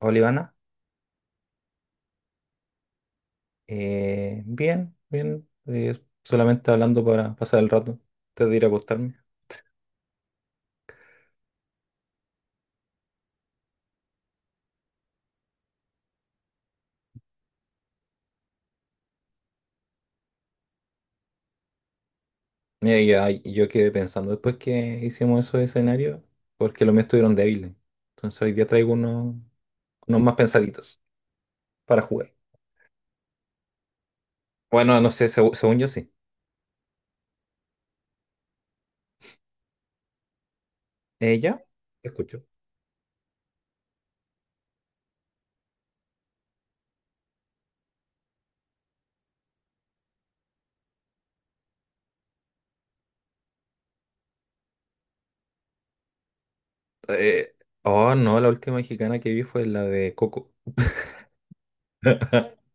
Hola Ivana. Bien, bien, solamente hablando para pasar el rato, antes de ir a acostarme. Mira, y ay, yo quedé pensando después que hicimos esos escenarios, porque los míos estuvieron débiles. Entonces hoy día traigo unos más pensaditos para jugar. Bueno, no sé, según yo sí. ¿Ella? Te escucho. Eh, oh, no, la última mexicana que vi fue la de Coco.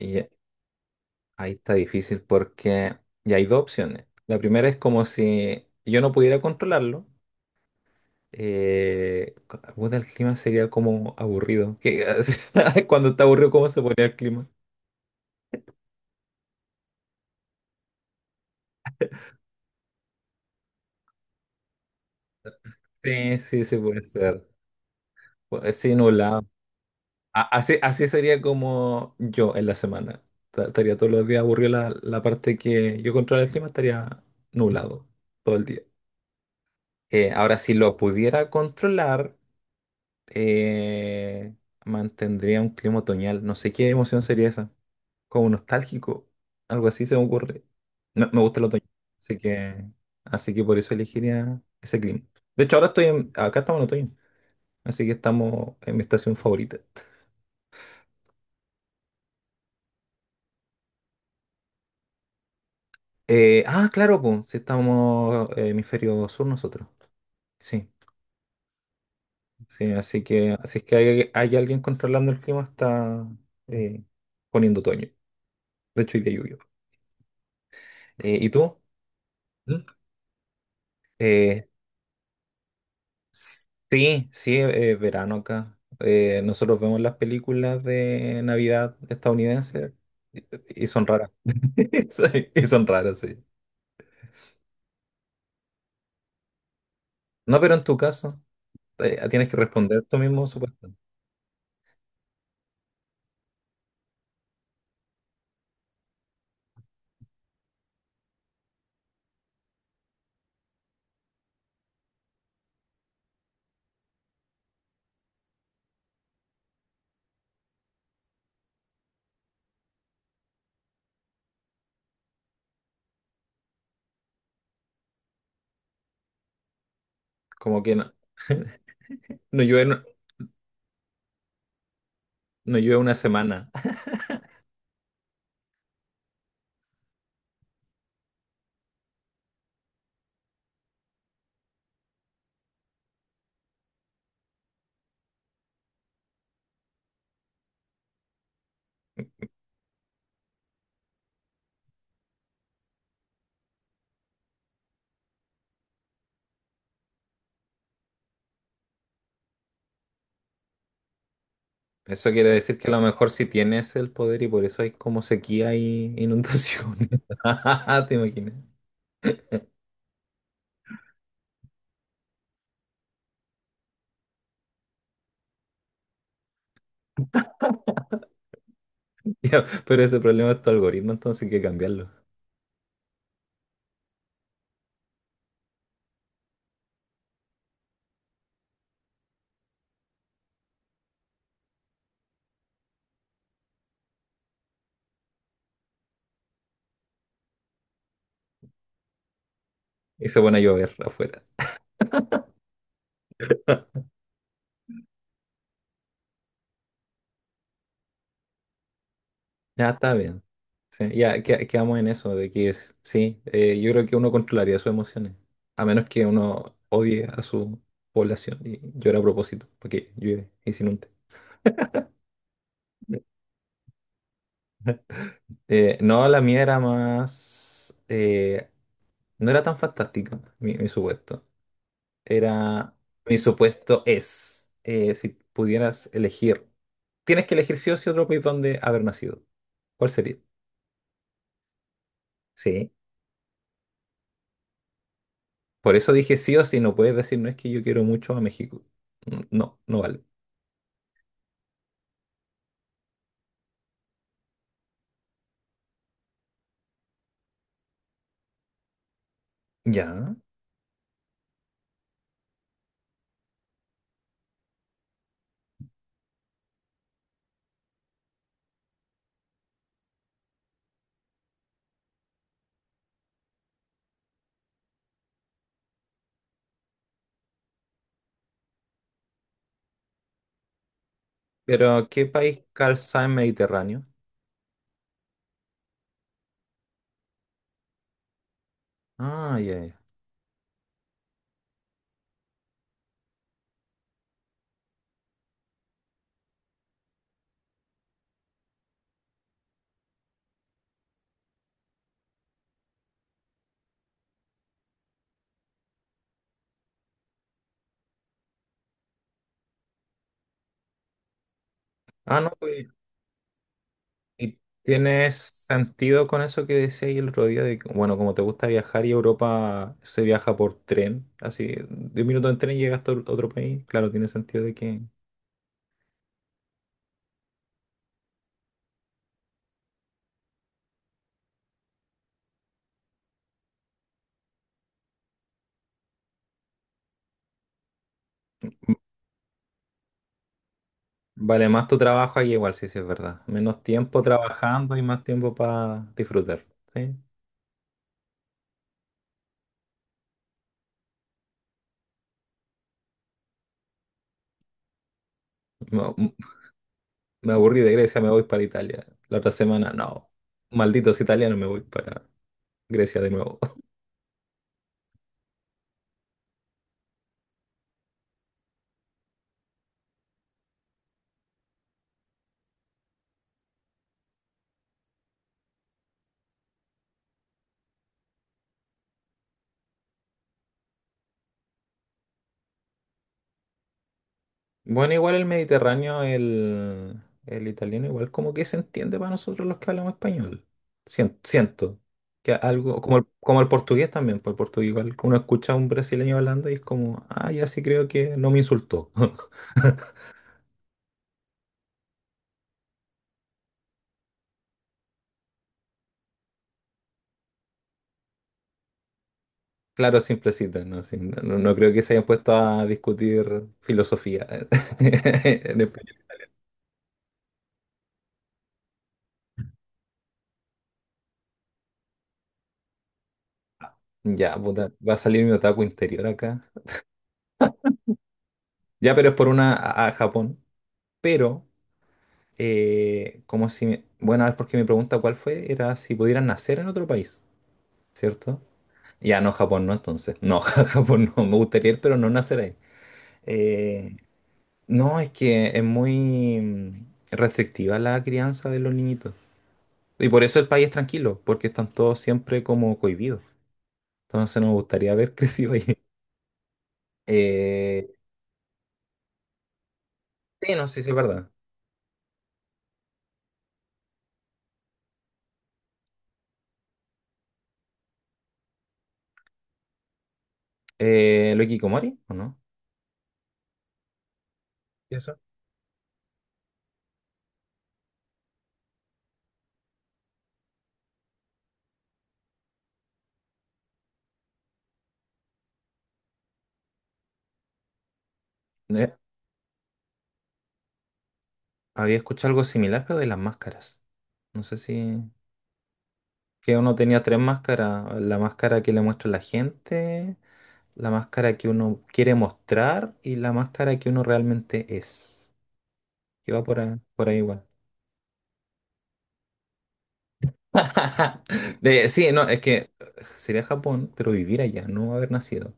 Y ahí está difícil porque ya hay dos opciones. La primera es como si yo no pudiera controlarlo. Puta, el clima sería como aburrido. Cuando está aburrido, ¿cómo se pone el clima? Sí, sí, sí puede ser. Sí, nublado. Así, así sería como yo en la semana. Estaría todos los días aburrido la parte que yo controla el clima, estaría nublado todo el día. Ahora, si lo pudiera controlar, eh, mantendría un clima otoñal. No sé qué emoción sería esa, como nostálgico, algo así se me ocurre. Me gusta el otoño, así que, por eso elegiría ese clima. De hecho, ahora estoy acá estamos en otoño, así que estamos en mi estación favorita. Claro, pues, si estamos hemisferio sur nosotros. Sí, sí, así es que hay alguien controlando el clima, está eh, poniendo otoño. De hecho, hoy día llovió. ¿Y tú? ¿Mm? Eh, Sí, sí, es verano acá. Nosotros vemos las películas de Navidad estadounidenses y son raras. Sí. Y son raras, sí. No, pero en tu caso, tienes que responder tú mismo, supuesto. Como que no, no llueve, no, no llueve una semana. Eso quiere decir que a lo mejor sí tienes el poder y por eso hay como sequía y inundaciones. ¿Te imaginas? Ya, pero ese problema es tu algoritmo, entonces hay que cambiarlo. Y se pone a llover afuera. Ya está bien. Sí, ya quedamos en eso, de que sí, yo creo que uno controlaría sus emociones, a menos que uno odie a su población y llora a propósito, porque llueve y se inunde. No, la mía era más... no era tan fantástica, mi supuesto. Era... Mi supuesto es, si pudieras elegir, tienes que elegir sí o sí otro país donde haber nacido. ¿Cuál sería? Sí. Por eso dije sí o sí, no puedes decir, no es que yo quiero mucho a México. No, no vale. Ya. Pero, ¿qué país calza en Mediterráneo? Ah, ya, ya. Ah, no, pues. ¿Y tiene sentido con eso que decía ahí el otro día? De, que, bueno, como te gusta viajar y Europa se viaja por tren, así, 10 minutos en tren y llegas a otro país. Claro, tiene sentido de que m- vale más tu trabajo ahí, igual, sí, sí, es verdad. Menos tiempo trabajando y más tiempo para disfrutar. ¿Sí? Mo- Me aburrí de Grecia, me voy para Italia. La otra semana, no. Malditos italianos, me voy para Grecia de nuevo. Bueno, igual el Mediterráneo, el italiano, igual como que se entiende para nosotros los que hablamos español. Siento que algo, como el portugués también, por el portugués igual uno escucha a un brasileño hablando y es como, ah, ya sí creo que no me insultó. Claro, simplecita, ¿no? Sí, no, no creo que se hayan puesto a discutir filosofía en español. Ya, puta, va a salir mi otaku interior acá. Ya, pero es por una a Japón. Pero, como si me- bueno, es porque mi pregunta cuál fue, era si pudieran nacer en otro país, ¿cierto? Ya, no, Japón no, entonces. No, Japón no, me gustaría ir, pero no nacer ahí. Eh, no, es que es muy restrictiva la crianza de los niñitos. Y por eso el país es tranquilo, porque están todos siempre como cohibidos. Entonces nos gustaría haber crecido ahí. Eh, sí, no sé si es verdad. ¿Lo de Hikikomori o no? ¿Y eso? Había escuchado algo similar, pero de las máscaras. No sé si... Que uno tenía tres máscaras. La máscara que le muestra la gente, la máscara que uno quiere mostrar y la máscara que uno realmente es. Que va por ahí igual. Sí, no, es que sería Japón, pero vivir allá, no haber nacido.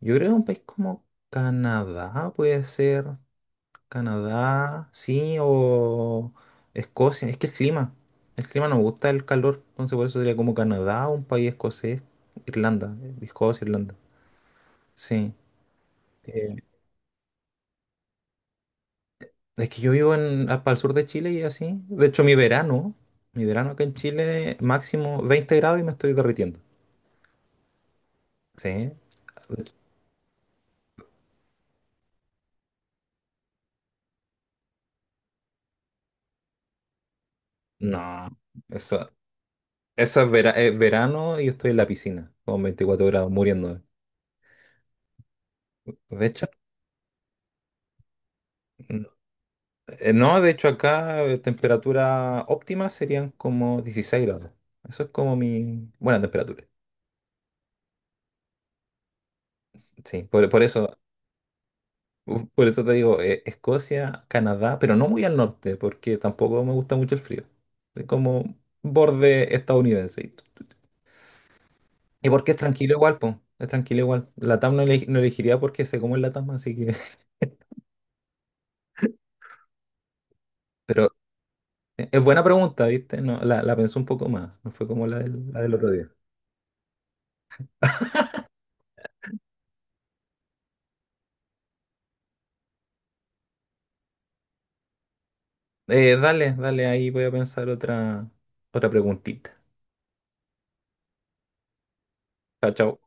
Yo creo que un país como Canadá puede ser. Canadá, sí, o Escocia. Es que el clima, nos gusta el calor, entonces por eso sería como Canadá, un país escocés, Irlanda, Escocia, Irlanda. Sí. Eh, es que yo vivo para el sur de Chile y así. De hecho, mi verano acá en Chile, máximo 20 grados y me estoy derritiendo. Sí. No, eso, eso es verano y estoy en la piscina con 24 grados muriendo. De hecho. No, de hecho acá temperatura óptima serían como 16 grados. Eso es como mi buena temperatura. Sí, por eso, uf, por eso te digo, Escocia, Canadá, pero no muy al norte, porque tampoco me gusta mucho el frío. Es como borde estadounidense, y todo. Y porque es tranquilo igual, pues. Es tranquilo igual. La TAM no, no elegiría porque sé cómo es la TAM, así que. Pero es buena pregunta, ¿viste? No, la pensé un poco más. No fue como la del otro día. Dale, dale, ahí voy a pensar otra preguntita. Chao, chao.